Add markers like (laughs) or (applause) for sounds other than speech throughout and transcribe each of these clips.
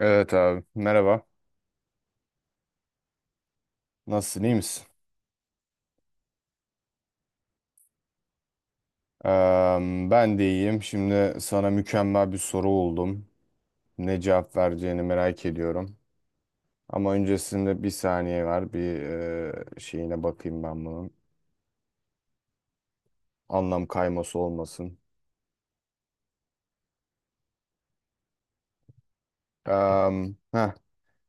Evet abi. Merhaba. Nasılsın? İyi misin? Ben de iyiyim. Şimdi sana mükemmel bir soru buldum. Ne cevap vereceğini merak ediyorum. Ama öncesinde bir saniye var. Bir Şeyine bakayım ben bunun. Anlam kayması olmasın. Heh.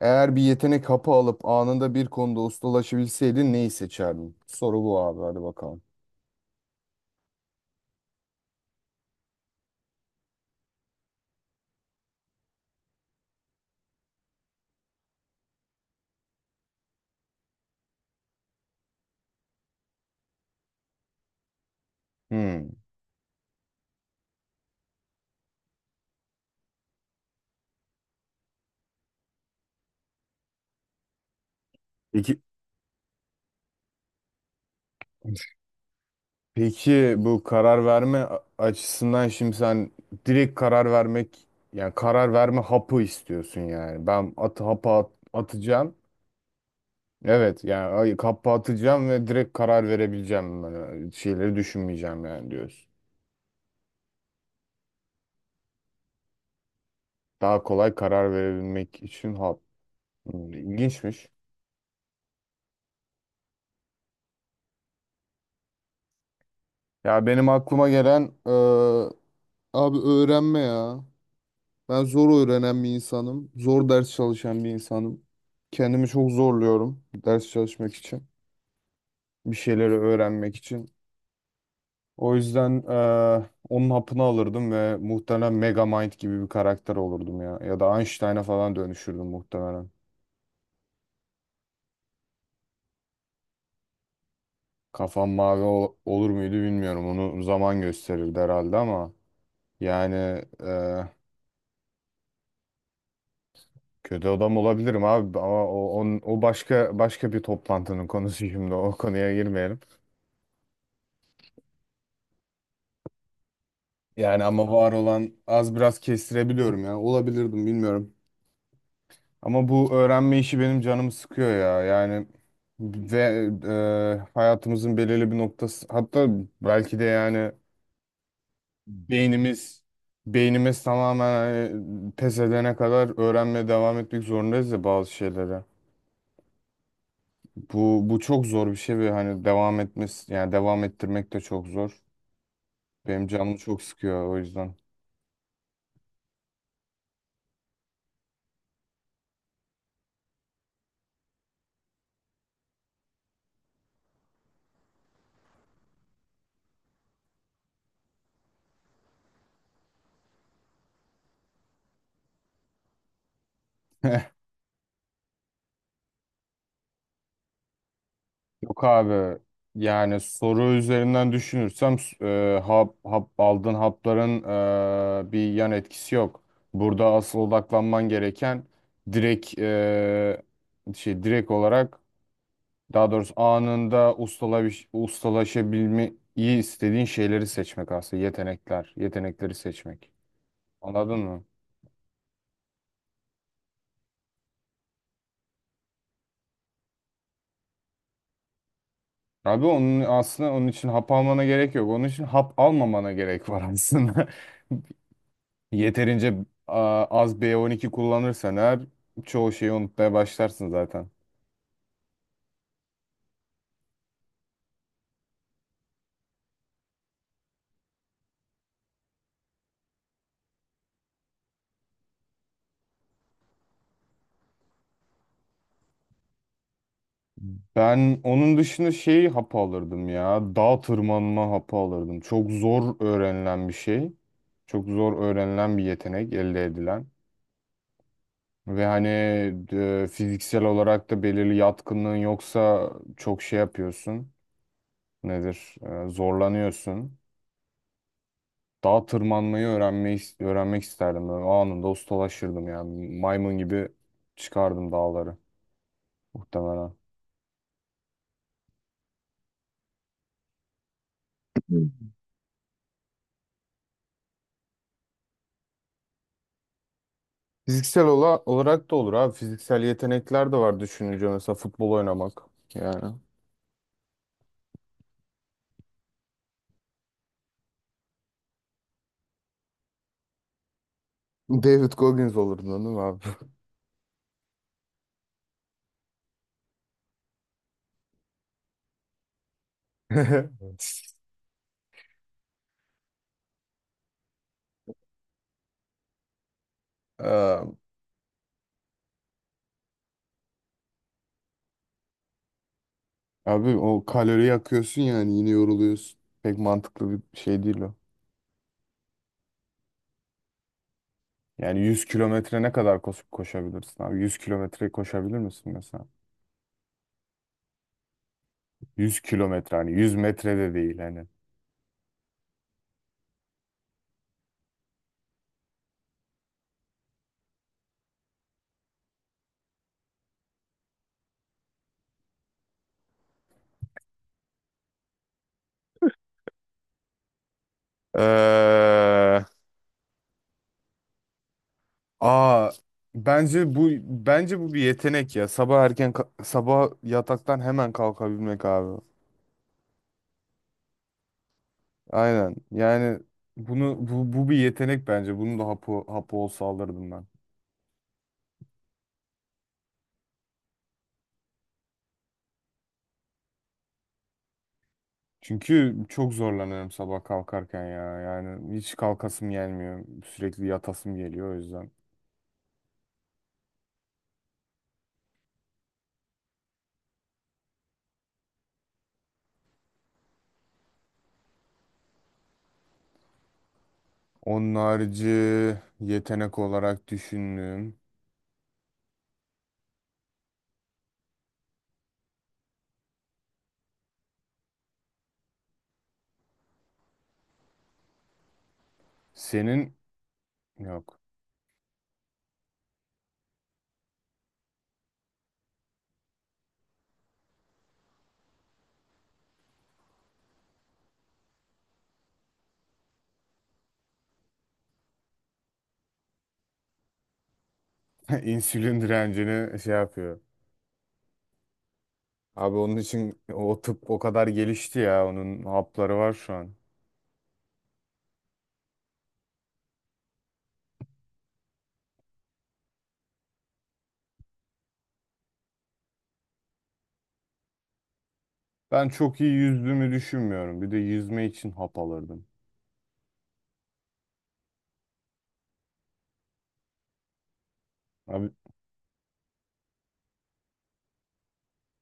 Eğer bir yetenek hapı alıp anında bir konuda ustalaşabilseydin neyi seçerdin? Soru bu abi. Hadi bakalım. Hmm. İki. Peki bu karar verme açısından şimdi sen direkt karar vermek yani karar verme hapı istiyorsun yani. Ben atı hapa atacağım. Evet yani hapı atacağım ve direkt karar verebileceğim. Yani şeyleri düşünmeyeceğim yani diyorsun. Daha kolay karar verebilmek için hap. Hmm, İlginçmiş. Ya benim aklıma gelen eee, abi öğrenme ya. Ben zor öğrenen bir insanım. Zor ders çalışan bir insanım. Kendimi çok zorluyorum ders çalışmak için, bir şeyleri öğrenmek için. O yüzden onun hapını alırdım ve muhtemelen Megamind gibi bir karakter olurdum ya. Ya da Einstein'a falan dönüşürdüm muhtemelen. Kafam mavi olur muydu bilmiyorum. Onu zaman gösterirdi herhalde ama yani eee, kötü adam olabilirim abi ama o başka bir toplantının konusu, şimdi o konuya girmeyelim. Yani ama var olan az biraz kestirebiliyorum ya. Olabilirdim, bilmiyorum. Ama bu öğrenme işi benim canımı sıkıyor ya. Ve Hayatımızın belirli bir noktası, hatta belki de yani beynimiz beynimiz tamamen, hani pes edene kadar öğrenmeye devam etmek zorundayız ya bazı şeylere. Bu çok zor bir şey ve hani devam etmesi yani devam ettirmek de çok zor. Benim canımı çok sıkıyor o yüzden. (laughs) Yok abi, yani soru üzerinden düşünürsem aldığın hapların bir yan etkisi yok. Burada asıl odaklanman gereken direkt e, şey direkt olarak, daha doğrusu anında ustalaşabilmeyi istediğin şeyleri seçmek, aslında yetenekleri seçmek. Anladın mı? Abi onun için hap almana gerek yok. Onun için hap almamana gerek var aslında. (laughs) Yeterince a, az B12 kullanırsan eğer çoğu şeyi unutmaya başlarsın zaten. Ben onun dışında şey hapı alırdım ya. Dağ tırmanma hapı alırdım. Çok zor öğrenilen bir şey. Çok zor öğrenilen bir yetenek, elde edilen. Ve hani fiziksel olarak da belirli yatkınlığın yoksa çok şey yapıyorsun. Nedir? Zorlanıyorsun. Dağa tırmanmayı öğrenmeyi öğrenmek isterdim. Böyle anında ustalaşırdım yani. Maymun gibi çıkardım dağları muhtemelen. Hı. Fiziksel olarak da olur abi. Fiziksel yetenekler de var düşününce, mesela futbol oynamak. Yani David Goggins olurdun değil mi abi? (laughs) Eee, Abi o kalori yakıyorsun yani, yine yoruluyorsun. Pek mantıklı bir şey değil o. Yani 100 kilometre ne kadar koşup koşabilirsin abi? 100 kilometre koşabilir misin mesela? 100 kilometre, hani 100 metre de değil hani. Ee, aa Bence bu, bir yetenek ya. Sabah erken sabah yataktan hemen kalkabilmek abi. Aynen. Yani bu bir yetenek bence. Bunu da hapı olsa alırdım ben. Çünkü çok zorlanıyorum sabah kalkarken ya. Yani hiç kalkasım gelmiyor. Sürekli yatasım geliyor o yüzden. Onun harici yetenek olarak düşündüğüm senin yok. (laughs) İnsülin direncini şey yapıyor. Abi onun için o tıp o kadar gelişti ya. Onun hapları var şu an. Ben çok iyi yüzdüğümü düşünmüyorum. Bir de yüzme için hap alırdım. Abi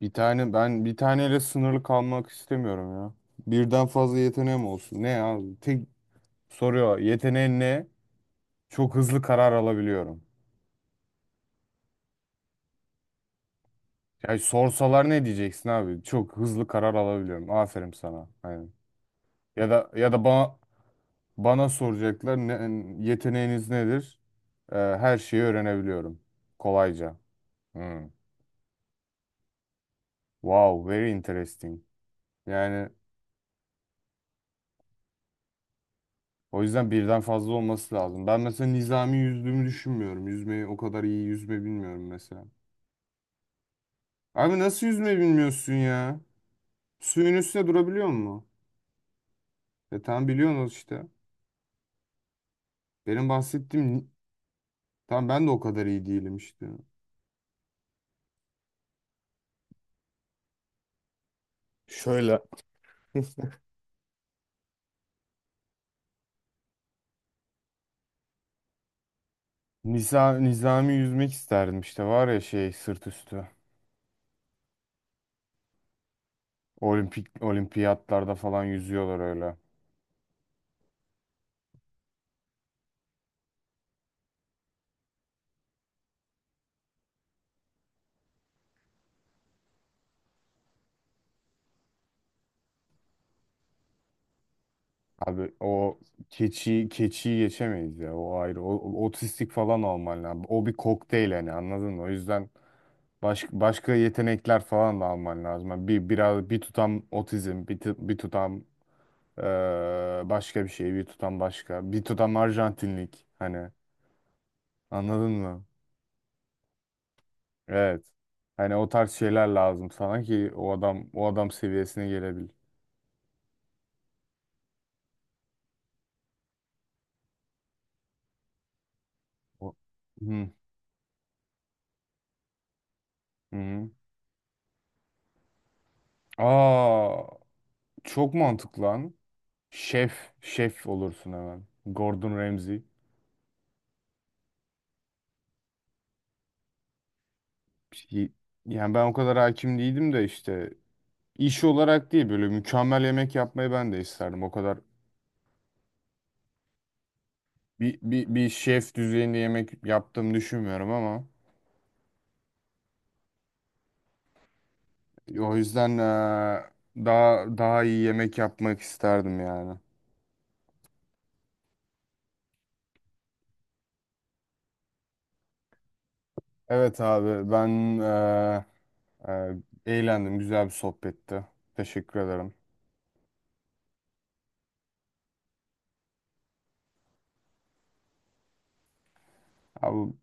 bir tane ben bir taneyle sınırlı kalmak istemiyorum ya. Birden fazla yeteneğim olsun. Ne ya? Tek soruyor, yeteneğin ne? Çok hızlı karar alabiliyorum. Ya sorsalar ne diyeceksin abi? Çok hızlı karar alabiliyorum. Aferin sana. Aynen. Ya da ya da bana Bana soracaklar ne, yeteneğiniz nedir? Her şeyi öğrenebiliyorum. Kolayca. Hmm. Wow, very interesting. Yani o yüzden birden fazla olması lazım. Ben mesela nizami yüzdüğümü düşünmüyorum. Yüzmeyi o kadar iyi yüzme bilmiyorum mesela. Abi nasıl yüzme bilmiyorsun ya? Suyun üstünde durabiliyor musun? E tamam, biliyorsunuz işte. Benim bahsettiğim... Tamam, ben de o kadar iyi değilim işte. Şöyle. Nizami yüzmek isterdim, işte var ya şey, sırt üstü. Olimpiyatlarda falan yüzüyorlar öyle. Abi o keçiyi geçemeyiz ya. O ayrı. Otistik falan olman lazım. O bir kokteyl yani, anladın mı? O yüzden başka yetenekler falan da alman lazım. Yani bir biraz bir tutam otizm, bir tutam eee, başka bir şey, bir tutam başka, bir tutam Arjantinlik, hani anladın mı? Evet. Hani o tarz şeyler lazım sana ki o adam seviyesine gelebil. O- Hı hı. Aa, Çok mantıklı lan. Şef olursun hemen. Gordon Ramsay. Şey- Yani ben o kadar hakim değildim de işte, iş olarak değil böyle mükemmel yemek yapmayı ben de isterdim. O kadar bir şef düzeyinde yemek yaptığımı düşünmüyorum ama o yüzden daha iyi yemek yapmak isterdim yani. Evet abi ben eee, eee, eğlendim. Güzel bir sohbetti. Teşekkür ederim. Abi, o,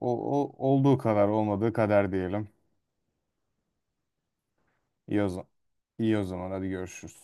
o, olduğu kadar olmadığı kadar diyelim. İyi o zaman. İyi o zaman. Hadi görüşürüz.